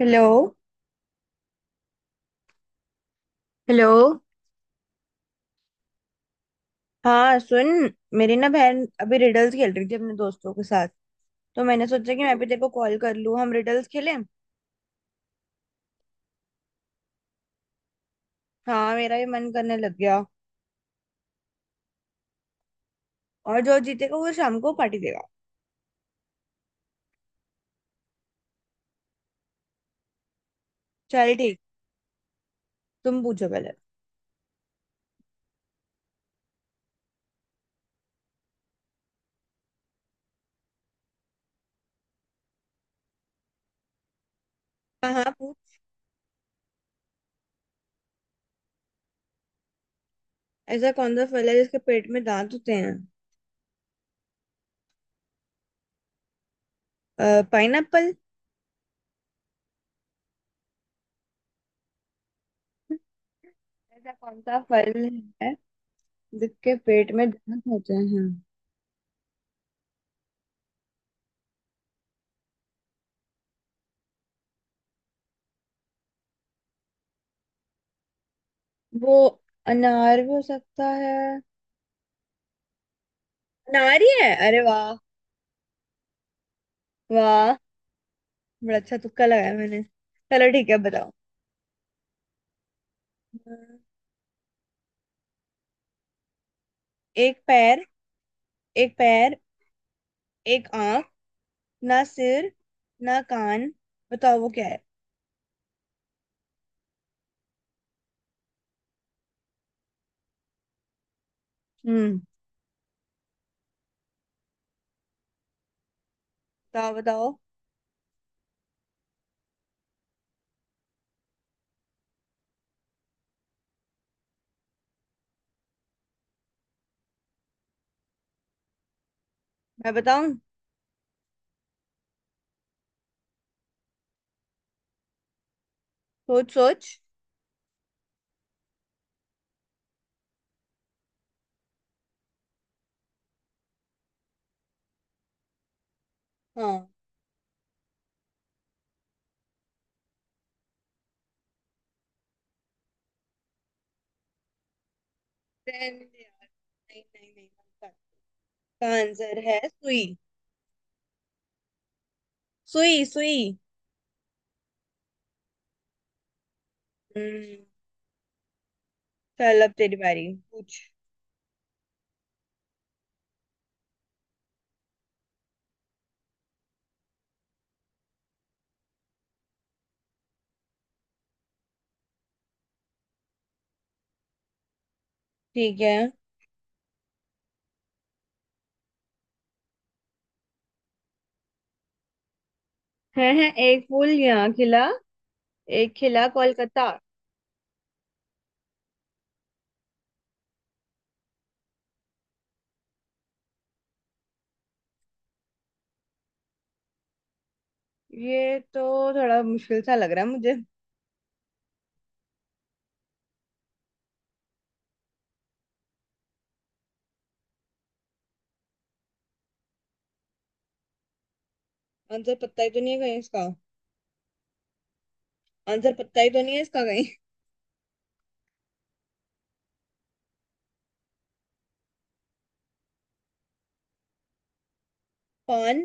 Hello. Hello. हाँ सुन। मेरी ना बहन अभी रिडल्स खेल रही थी अपने दोस्तों के साथ। तो मैंने सोचा कि मैं भी तेरे को कॉल कर लूँ हम रिडल्स खेलें। हाँ मेरा भी मन करने लग गया। और जो जीतेगा वो शाम को पार्टी देगा। चल ठीक। तुम पूछो पहले। हाँ हाँ पूछ। ऐसा कौन सा फल है जिसके पेट में दांत होते हैं? पाइनएप्पल। ऐसा कौन सा फल है जिसके पेट में दांत होते हैं। वो अनार भी हो सकता है। अनार ही है। अरे वाह। वाह। बड़ा अच्छा तुक्का लगाया मैंने। चलो ठीक है बताओ। अ, एक पैर एक पैर एक आंख ना सिर ना कान बताओ वो क्या है? हम्म। बताओ बताओ। मैं बताऊं? सोच सोच। हाँ। रहने दे यार। नहीं नहीं नहीं इसका इसका आंसर है सुई। सुई सुई। हम्म। चल अब तेरी बारी पूछ। ठीक है। है एक फूल यहाँ खिला एक खिला कोलकाता। ये तो थोड़ा मुश्किल सा लग रहा है मुझे। आंसर पता ही तो नहीं है कहीं इसका। आंसर पता ही तो नहीं है इसका कहीं। पान।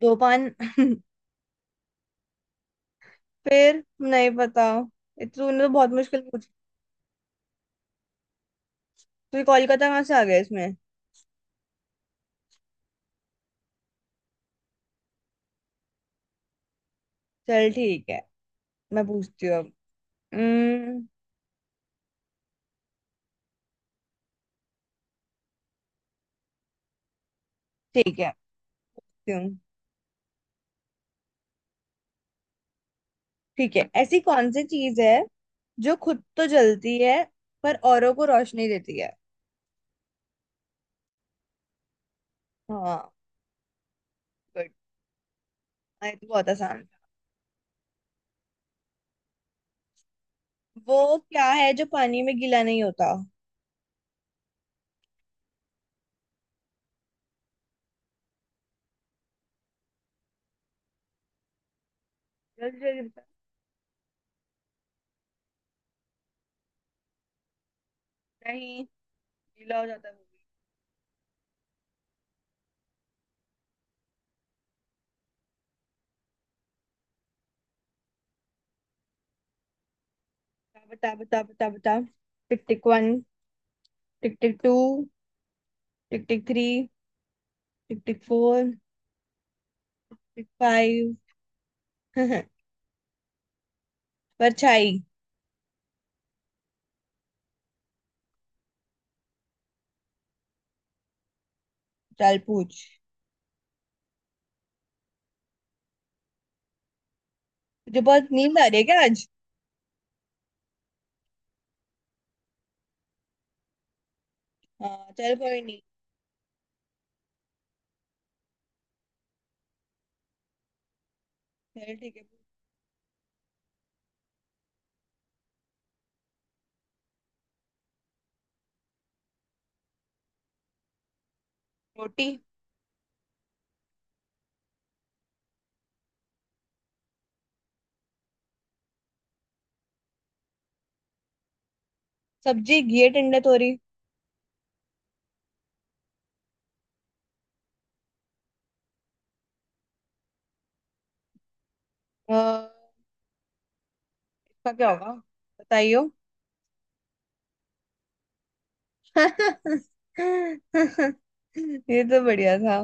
दो पान फिर नहीं पता। ये तो तूने तो बहुत मुश्किल पूछ। तू कोलकाता कहाँ से आ गया इसमें? चल ठीक है मैं पूछती हूँ अब। हम्म। ठीक है। क्यों? ठीक है ऐसी कौन सी चीज है जो खुद तो जलती है पर औरों को रोशनी देती है? हाँ। गुड। आई तो बहुत आसान था। वो क्या है जो पानी में गीला नहीं होता? जल्दी जल्दी बता। नहीं। गीला हो जाता है वो। बता बता बता बता। Tick tick one tick tick two tick tick three tick tick four tick five. परछाई। चल पूछ। तुझे बहुत नींद आ रही है क्या आज? हाँ चल कोई नहीं। चल ठीक है। रोटी। सब्जी घी टंडे तोरी। अ, इसका क्या होगा? बताइयो। ये तो बढ़िया था।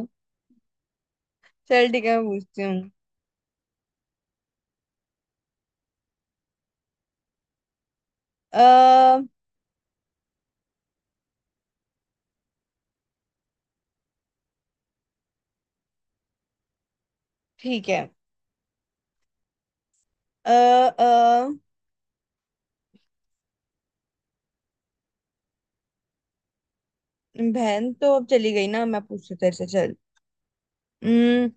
चल ठीक है मैं पूछती हूँ। अ ठीक है। अ अ, बहन तो अब चली गई ना मैं पूछती हूँ तेरे से चल। हम्म।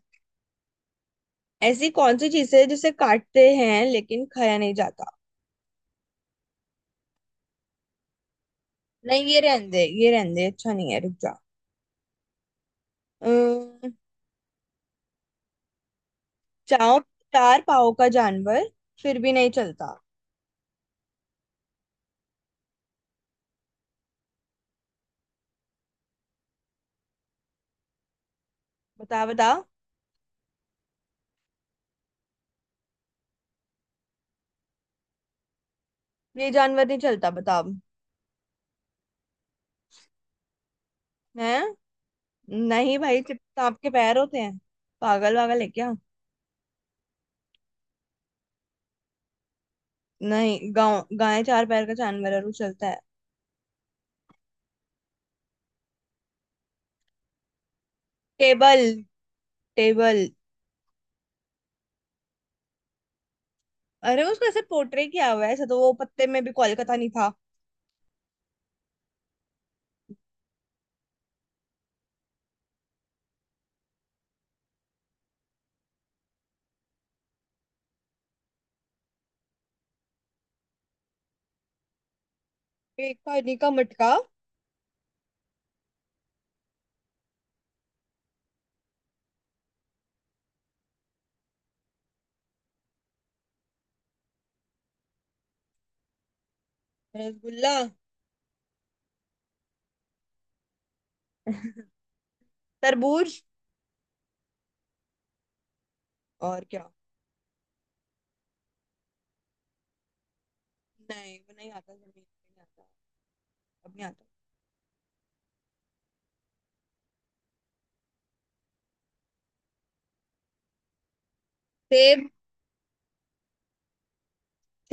ऐसी कौन सी चीज है जिसे काटते हैं लेकिन खाया नहीं जाता? नहीं ये रहने दे ये रहने दे अच्छा नहीं है रुक जा। अम्म, चार चार पाँव का जानवर फिर भी नहीं चलता। बता बता। ये जानवर नहीं चलता बताओ। है। नहीं भाई सिर्फ आपके पैर होते हैं। पागल वागल है क्या? नहीं गाँव गाय चार पैर का जानवर है और वो चलता है। टेबल। टेबल। अरे उसको ऐसे पोर्ट्रे किया हुआ है ऐसा तो वो पत्ते में भी कोलकाता नहीं था। एक पानी का मटका। रसगुल्ला। तरबूज। और क्या? नहीं वो नहीं आता समझ नहीं आता। अब नहीं आता। सेब।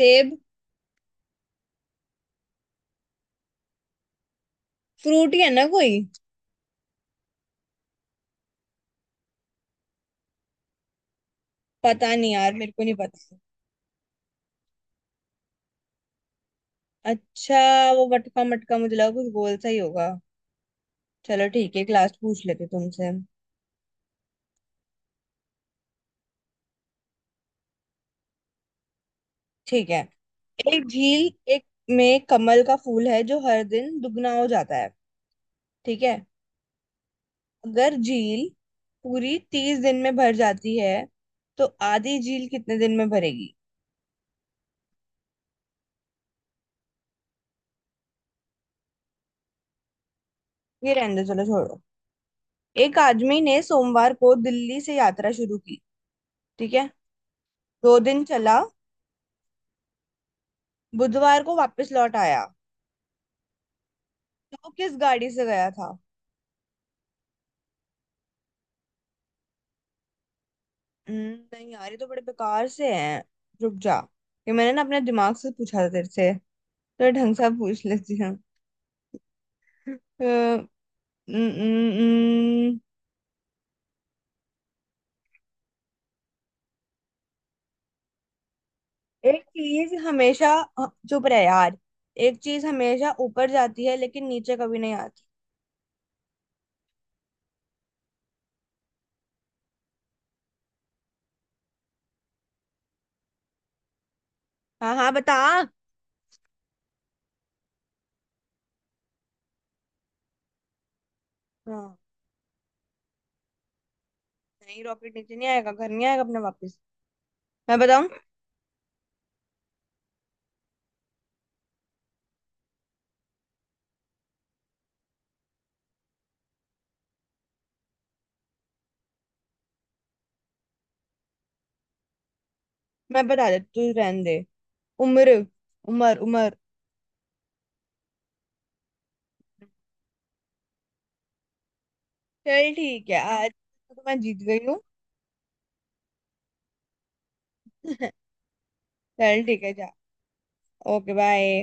सेब। फ्रूट ही है ना कोई? पता नहीं यार मेरे को नहीं पता। अच्छा वो मटका मटका मुझे लगा कुछ गोल सा ही होगा। चलो ठीक है एक लास्ट पूछ लेते तुमसे। ठीक है। एक झील एक में कमल का फूल है जो हर दिन दुगना हो जाता है। ठीक है। अगर झील पूरी 30 दिन में भर जाती है तो आधी झील कितने दिन में भरेगी? ये रहने दो चलो छोड़ो। एक आदमी ने सोमवार को दिल्ली से यात्रा शुरू की। ठीक है। 2 दिन चला। बुधवार को वापस लौट आया। तो वो किस गाड़ी से गया था? नहीं यार ये तो बड़े बेकार से हैं। रुक जा। ये मैंने ना अपने दिमाग से पूछा था तेरे से तो ढंग से पूछ लेती हूँ। अ, न- न- न- एक चीज हमेशा चुप रहे यार। एक चीज हमेशा ऊपर जाती है लेकिन नीचे कभी नहीं आती। हाँ हाँ बता। हाँ। नहीं रॉकेट नीचे नहीं आएगा घर नहीं आएगा अपने वापस। मैं बताऊं? मैं बता देती तू रहने दे। उम्र। उमर उमर। चल ठीक है आज तो मैं जीत गई हूँ। चल ठीक है जा। Okay bye.